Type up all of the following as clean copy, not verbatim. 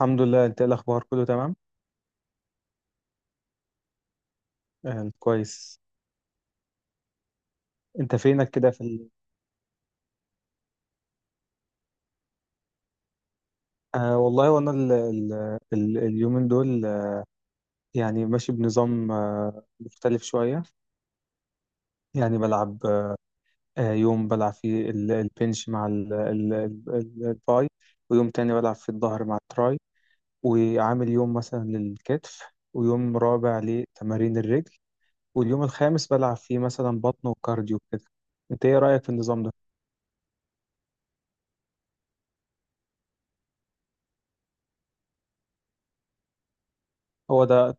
الحمد لله. انت ايه الاخبار؟ كله تمام كويس. انت فينك كده في ال... آه والله وانا ال... ال... ال... اليومين دول، يعني ماشي بنظام مختلف شويه. يعني بلعب، يوم بلعب فيه البنش مع الباي، ويوم تاني بلعب في الظهر مع التراي، وعامل يوم مثلا للكتف، ويوم رابع لتمارين الرجل، واليوم الخامس بلعب فيه مثلا بطن وكارديو كده. انت ايه رايك في النظام ده؟ هو ده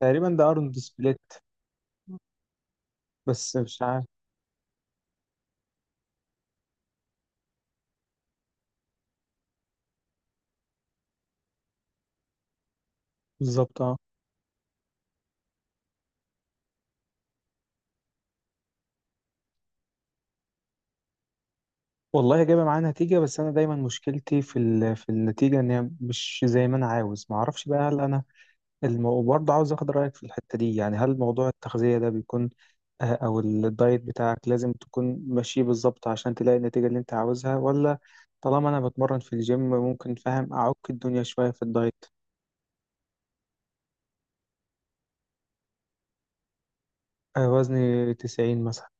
تقريبا، ارنولد سبليت، بس مش عارف بالظبط. اه والله جايبه معايا نتيجه، بس انا دايما مشكلتي في في النتيجه، ان هي مش زي ما انا عاوز. ما اعرفش بقى، هل انا برضه عاوز اخد رايك في الحته دي. يعني هل موضوع التغذيه ده بيكون، او الدايت بتاعك، لازم تكون ماشي بالظبط عشان تلاقي النتيجه اللي انت عاوزها؟ ولا طالما انا بتمرن في الجيم ممكن، فاهم، اعك الدنيا شويه في الدايت؟ وزني 90 مثلا.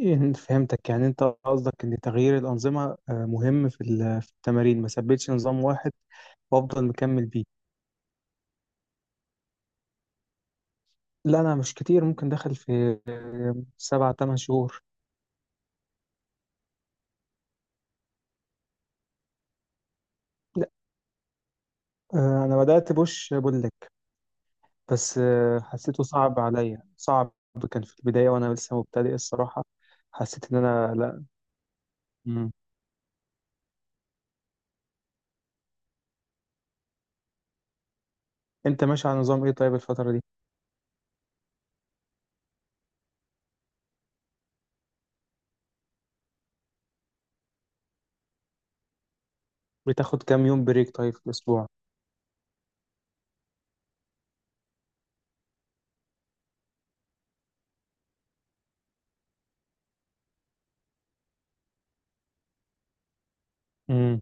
إيه، فهمتك. يعني انت قصدك ان تغيير الانظمه، مهم في في التمارين، ما ثبتش نظام واحد وافضل مكمل بيه. لا انا مش كتير، ممكن دخل في سبع تمن شهور. لا انا بدات بوش بقول لك، بس حسيته صعب عليا، صعب. كان في البدايه وانا لسه مبتدئ الصراحه. حسيت ان انا لا. مم. انت ماشي على نظام ايه طيب الفتره دي؟ بتاخد كام يوم بريك طيب في الاسبوع؟ مم.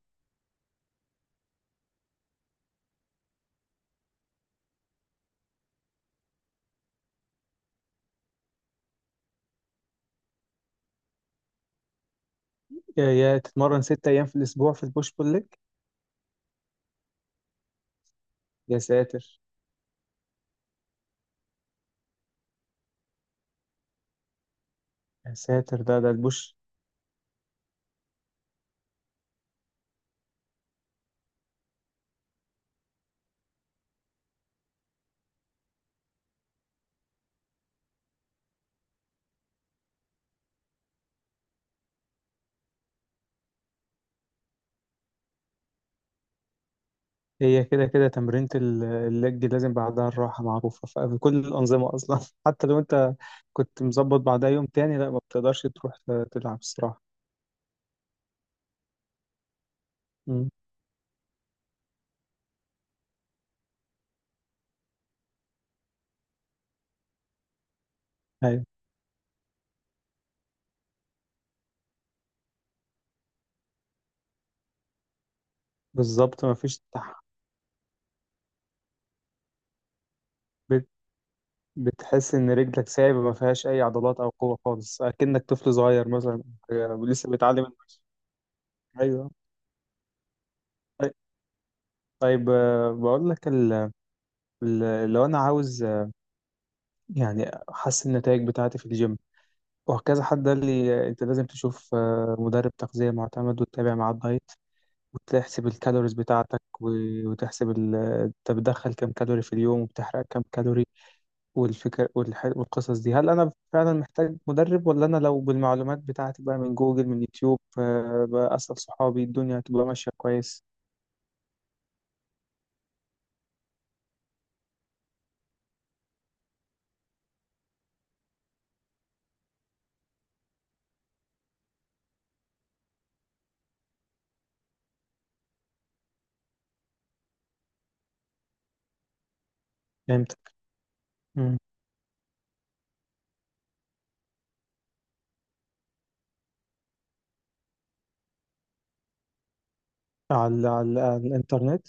يا تتمرن ست ايام في الاسبوع في البوش بول ليج؟ يا ساتر، يا ساتر، ده البوش. هي كده كده تمرينة اللج لازم بعدها الراحة، معروفة في كل الأنظمة أصلا حتى لو أنت كنت مظبط، بعدها يوم تاني لا ما بتقدرش تروح تلعب الصراحة. أمم، أيوة بالظبط. ما فيش بت... بتحس إن رجلك سايبة ما فيهاش أي عضلات أو قوة خالص، أكنك طفل صغير مثلا. أو لسه بيتعلم أيوه. طيب، طيب، بقول لك لو أنا عاوز، يعني أحسن النتائج بتاعتي في الجيم، وكذا حد قال لي انت لازم تشوف مدرب تغذية معتمد وتتابع معاه الدايت وتحسب الكالوريز بتاعتك، وتحسب انت بتدخل كام كالوري في اليوم وبتحرق كام كالوري، والفكر والقصص دي. هل انا فعلا محتاج مدرب، ولا انا لو بالمعلومات بتاعتي بقى من جوجل، من يوتيوب، بأسأل صحابي، الدنيا هتبقى ماشية كويس؟ فهمتك. مم. على الانترنت؟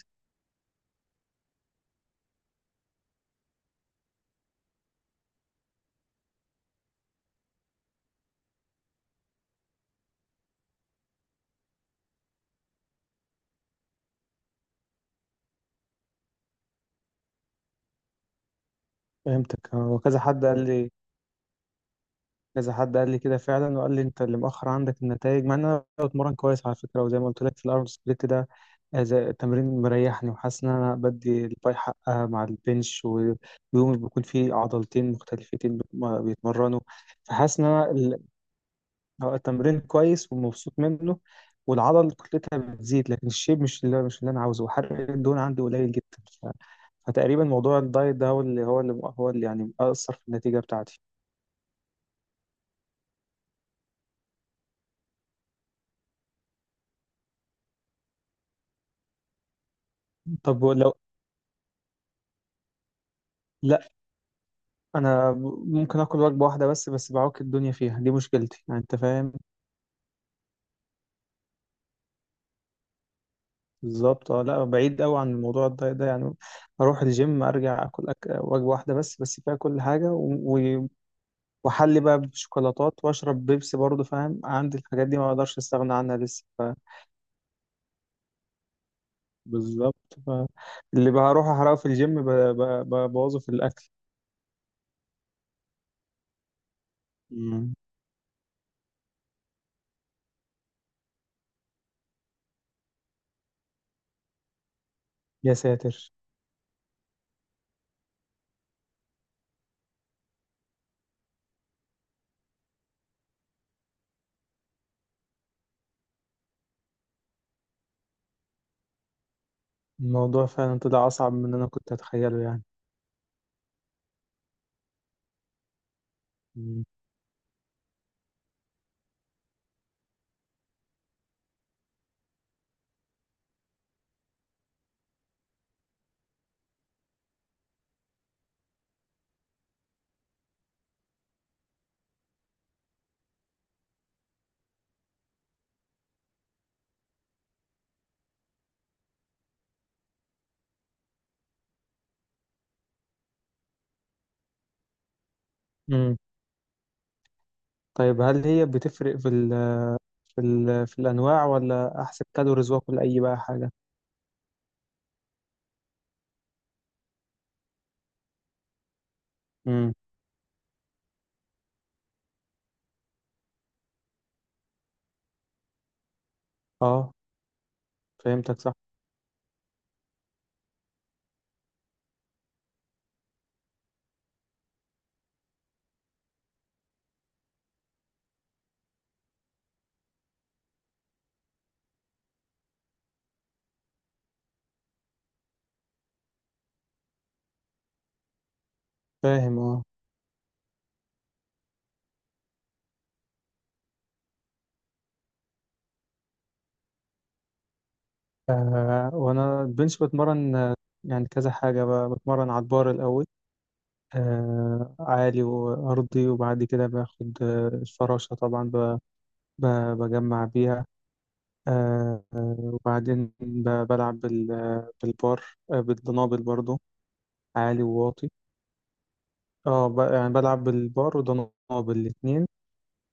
فهمتك. وكذا حد قال لي، كده فعلا. وقال لي انت اللي مؤخر عندك النتائج، مع ان انا بتمرن كويس على فكره. وزي ما قلت لك في الارنولد سبليت ده، زي التمرين مريحني وحاسس ان انا بدي الباي حقها مع البنش، ويومي بيكون فيه عضلتين مختلفتين ما بيتمرنوا. فحاسس ان انا هو التمرين كويس ومبسوط منه، والعضل كتلتها بتزيد، لكن الشيب مش اللي انا عاوزه، وحرق الدهون عندي قليل جدا. ف- فتقريبا موضوع الدايت ده هو اللي يعني اثر في النتيجه بتاعتي. طب لو لا، انا ممكن اكل وجبه واحده بس، بس بعوك الدنيا فيها، دي مشكلتي يعني، انت فاهم. بالظبط اه، لا بعيد قوي عن الموضوع الدايت ده يعني. اروح الجيم، ارجع اكل وجبه واحده بس، بس فيها كل حاجه، واحلي بقى بشوكولاتات واشرب بيبسي برضه، فاهم؟ عندي الحاجات دي ما اقدرش استغنى عنها لسه. بالظبط. ف... اللي بروح احرقه في الجيم ببوظه في الاكل. مم. يا ساتر، الموضوع فعلا طلع اصعب من اللي انا كنت اتخيله يعني. مم. مم. طيب هل هي بتفرق في في الأنواع، ولا أحسب كالوريز وآكل أي بقى حاجة؟ امم. أه، فهمتك صح. فاهم أه. وأنا البنش بتمرن، يعني كذا حاجة بقى. بتمرن على البار الأول، آه، عالي وأرضي. وبعد كده باخد الفراشة طبعا، ب... بجمع بيها. آه آه، وبعدين بلعب بالبار، بالدنابل برضو، عالي وواطي. اه يعني بلعب بالبار ودنابل الاتنين.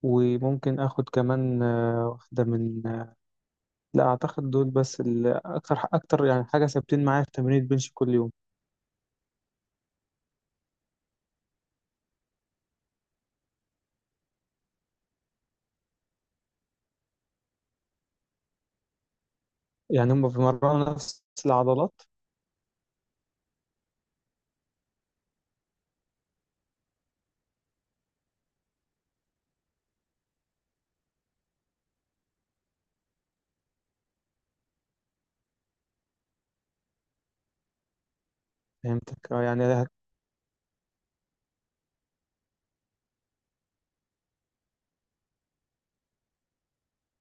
وممكن اخد كمان واحده من، لا اعتقد دول بس اكتر يعني حاجه ثابتين معايا في تمرين البنش كل يوم. يعني هم بيمرنوا نفس العضلات؟ فهمتك. يعني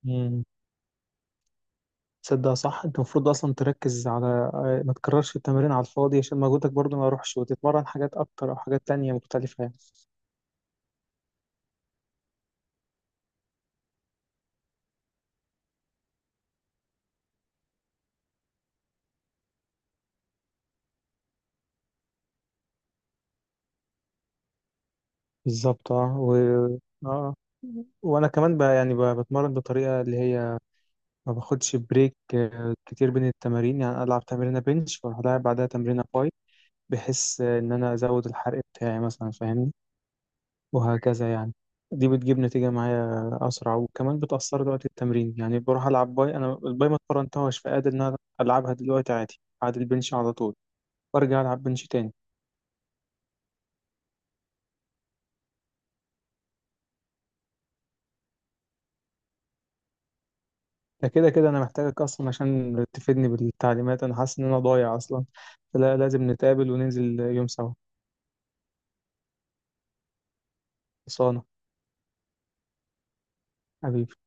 مم، تصدق صح، انت المفروض اصلا تركز على، ما تكررش التمرين على الفاضي عشان مجهودك برضو ما يروحش، وتتمرن حاجات اكتر او حاجات تانية مختلفه يعني. بالظبط اه. اه، وانا كمان يعني بتمرن بطريقه اللي هي ما باخدش بريك كتير بين التمارين. يعني ألعب تمرينة بنش وأروح ألعب بعدها تمرينة باي، بحيث إن أنا أزود الحرق بتاعي مثلا، فاهمني، وهكذا يعني. دي بتجيب نتيجة معايا أسرع وكمان بتأثر وقت التمرين. يعني بروح ألعب باي، أنا الباي ما اتمرنتهاش، فقادر إن أنا ألعبها دلوقتي عادي بعد البنش على طول، وأرجع ألعب بنش تاني. ده كده كده أنا محتاجك أصلا عشان تفيدني بالتعليمات، أنا حاسس إن أنا ضايع أصلا. فلا، لازم نتقابل وننزل يوم سوا. خلصانة حبيبي.